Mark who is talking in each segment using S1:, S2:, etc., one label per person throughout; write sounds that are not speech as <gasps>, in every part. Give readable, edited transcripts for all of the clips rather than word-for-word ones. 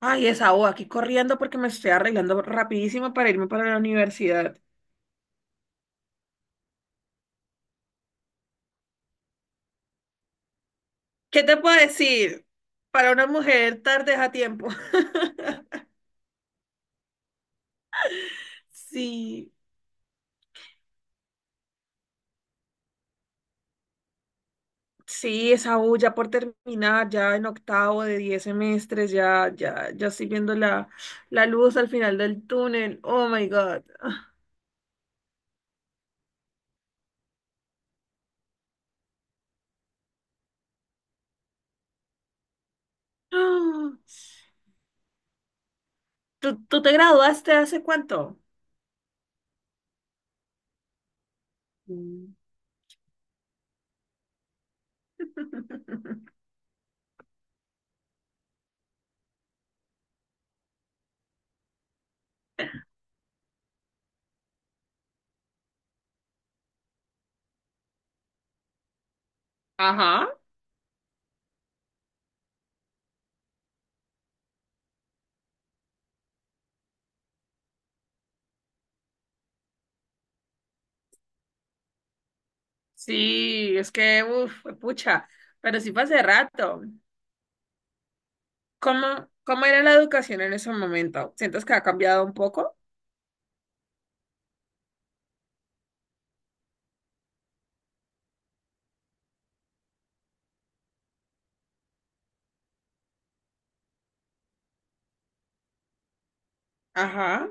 S1: Ay, esa O, aquí corriendo porque me estoy arreglando rapidísimo para irme para la universidad. ¿Qué te puedo decir? Para una mujer tarde es a tiempo. <laughs> Sí, sí, esa U ya por terminar, ya en octavo de 10 semestres, ya estoy viendo la luz al final del túnel. Oh my God. <gasps> Ah. ¿Tú te graduaste hace cuánto? Mm. <laughs> Ajá, sí, es que, uff, pucha, pero sí fue hace rato. ¿Cómo era la educación en ese momento? ¿Sientes que ha cambiado un poco? Ajá,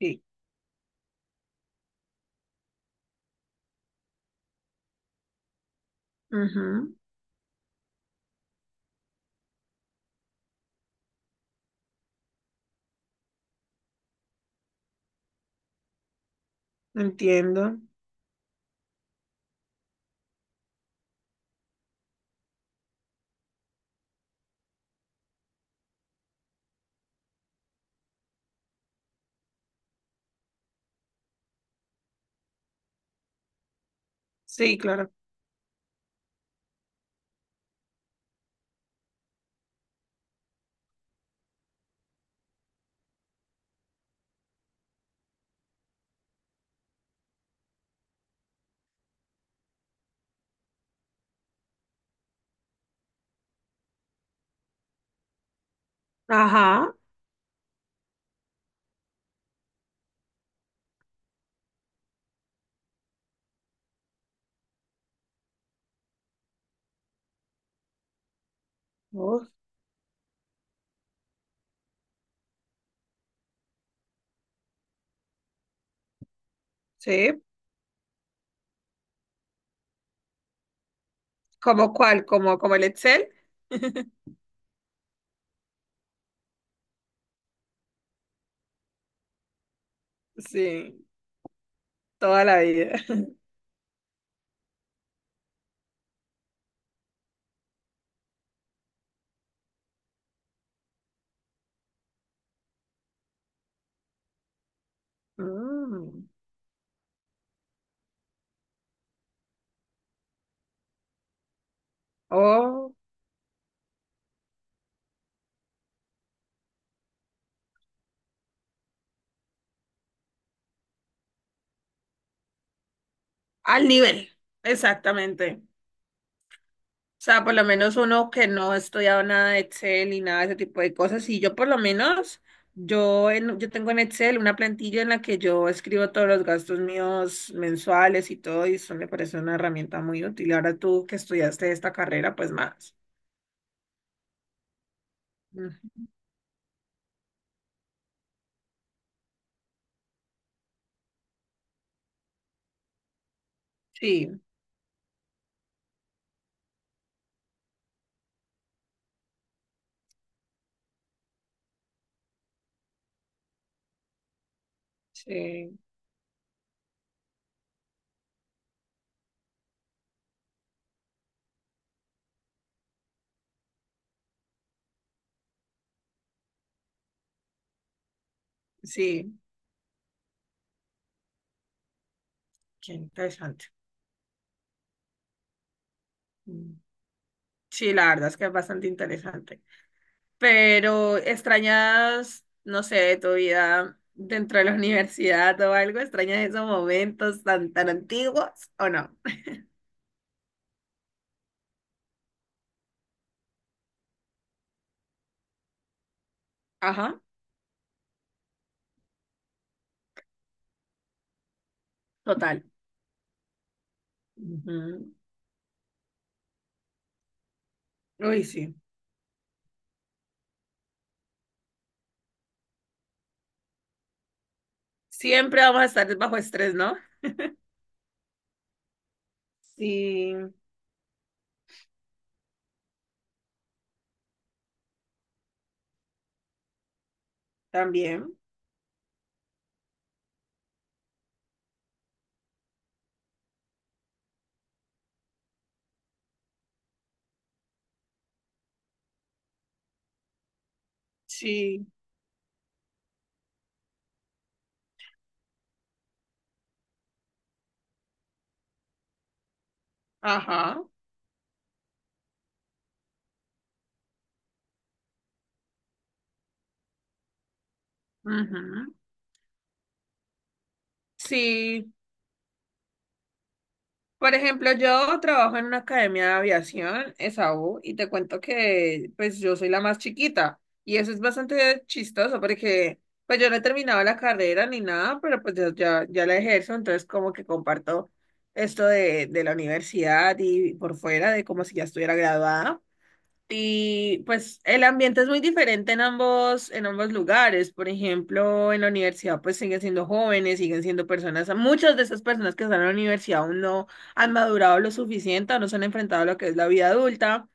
S1: sí. Ujú. Entiendo. Sí, claro. Ajá. Uf, sí. ¿Cómo cuál? ¿Como el Excel? Sí, toda la vida. <laughs> Mm, Oh, al nivel. Exactamente. O sea, por lo menos uno que no ha estudiado nada de Excel y nada de ese tipo de cosas. Y yo por lo menos, yo tengo en Excel una plantilla en la que yo escribo todos los gastos míos mensuales y todo, y eso me parece una herramienta muy útil. Ahora tú que estudiaste esta carrera, pues más. Mm, Sí, sí, sí, qué interesante. Mm, Sí, la verdad es que es bastante interesante. Pero extrañas, no sé, de tu vida dentro de la universidad o algo, extrañas esos momentos tan antiguos o no. Ajá, total. Ujú. Uy, sí. Siempre vamos a estar bajo estrés, ¿no? Sí, también. Sí, ajá. Ujú. Sí. Por ejemplo, yo trabajo en una academia de aviación, ESAU, y te cuento que pues yo soy la más chiquita y eso es bastante chistoso porque pues yo no he terminado la carrera ni nada, pero pues ya la ejerzo, entonces como que comparto esto de la universidad y por fuera de como si ya estuviera graduada. Y pues el ambiente es muy diferente en ambos lugares. Por ejemplo, en la universidad pues siguen siendo jóvenes, siguen siendo personas, muchas de esas personas que están en la universidad aún no han madurado lo suficiente o no se han enfrentado a lo que es la vida adulta.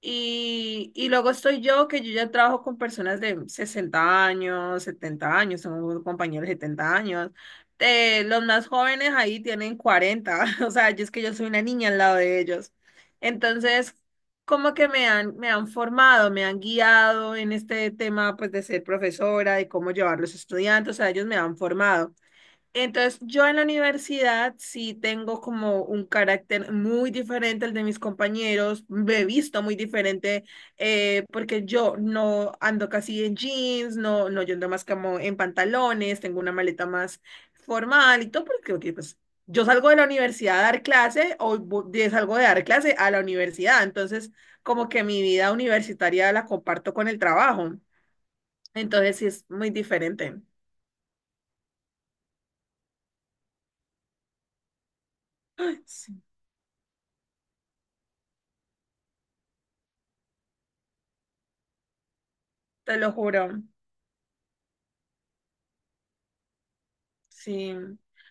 S1: Y luego estoy yo, que yo ya trabajo con personas de 60 años, 70 años, tengo compañeros de 70 años. Los más jóvenes ahí tienen 40. <laughs> O sea, yo es que yo soy una niña al lado de ellos. Entonces, como que me han formado, me han guiado en este tema, pues, de ser profesora, de cómo llevar los estudiantes, o sea, ellos me han formado. Entonces, yo en la universidad sí tengo como un carácter muy diferente al de mis compañeros, me he visto muy diferente, porque yo no ando casi en jeans, no, no, yo ando más como en pantalones, tengo una maleta más formal y todo, porque ok, pues, yo salgo de la universidad a dar clase o salgo de dar clase a la universidad, entonces como que mi vida universitaria la comparto con el trabajo, entonces sí es muy diferente. <gasps> Ay, sí, te lo juro. Sí.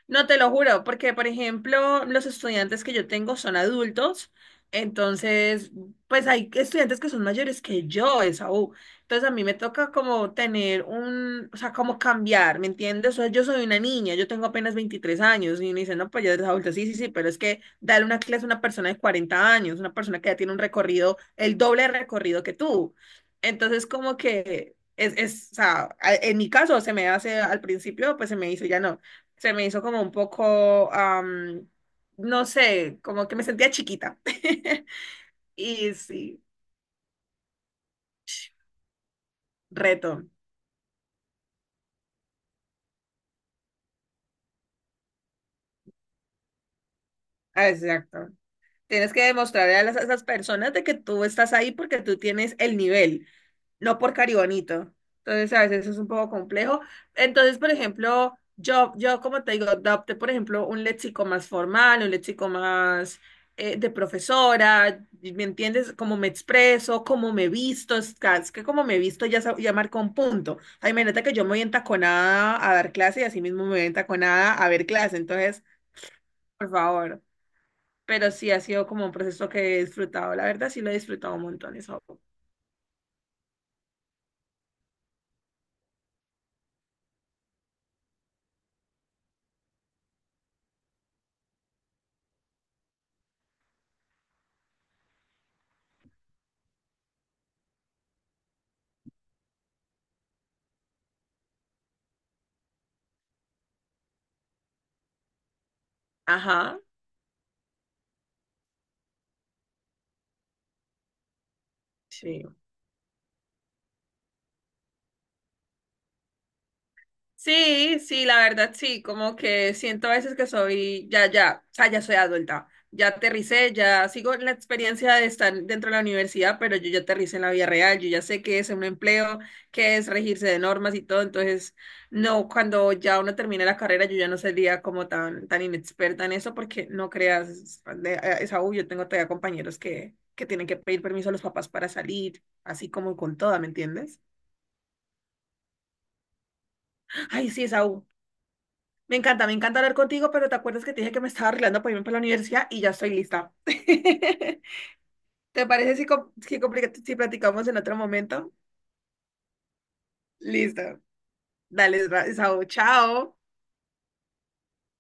S1: No te lo juro, porque por ejemplo, los estudiantes que yo tengo son adultos, entonces, pues hay estudiantes que son mayores que yo, Esaú. Entonces a mí me toca como tener un, o sea, como cambiar, ¿me entiendes? O sea, yo soy una niña, yo tengo apenas 23 años y me dicen, no, pues ya eres adulta, sí, pero es que darle una clase a una persona de 40 años, una persona que ya tiene un recorrido, el doble de recorrido que tú. Entonces, como que o sea, en mi caso se me hace, al principio, pues se me hizo, ya no, se me hizo como un poco, no sé, como que me sentía chiquita. <laughs> Y sí, reto. Ah, exacto. Tienes que demostrarle a a esas personas de que tú estás ahí porque tú tienes el nivel, no por caribonito. Entonces, a veces es un poco complejo. Entonces, por ejemplo, yo como te digo, adopté, por ejemplo, un léxico más formal, un léxico más de profesora, ¿me entiendes? Cómo me expreso, cómo me visto, es que como me visto ya, ya marca un punto. O sea, imagínate que yo me voy entaconada a dar clase y así mismo me voy entaconada a ver clase. Entonces, por favor. Pero sí ha sido como un proceso que he disfrutado. La verdad, sí lo he disfrutado un montón eso. Ajá, sí. Sí, la verdad sí, como que siento a veces que soy, o sea, ya soy adulta, ya aterricé, ya sigo la experiencia de estar dentro de la universidad, pero yo ya aterricé en la vida real, yo ya sé qué es un empleo, qué es regirse de normas y todo, entonces, no, cuando ya uno termine la carrera, yo ya no sería como tan inexperta en eso, porque no creas, es aún, yo tengo todavía compañeros que tienen que pedir permiso a los papás para salir, así como con toda, ¿me entiendes? Ay, sí, Esaú. Me encanta hablar contigo, pero te acuerdas que te dije que me estaba arreglando para irme para la universidad y ya estoy lista. <laughs> ¿Te parece si platicamos en otro momento? Listo. Dale, Saúl, chao.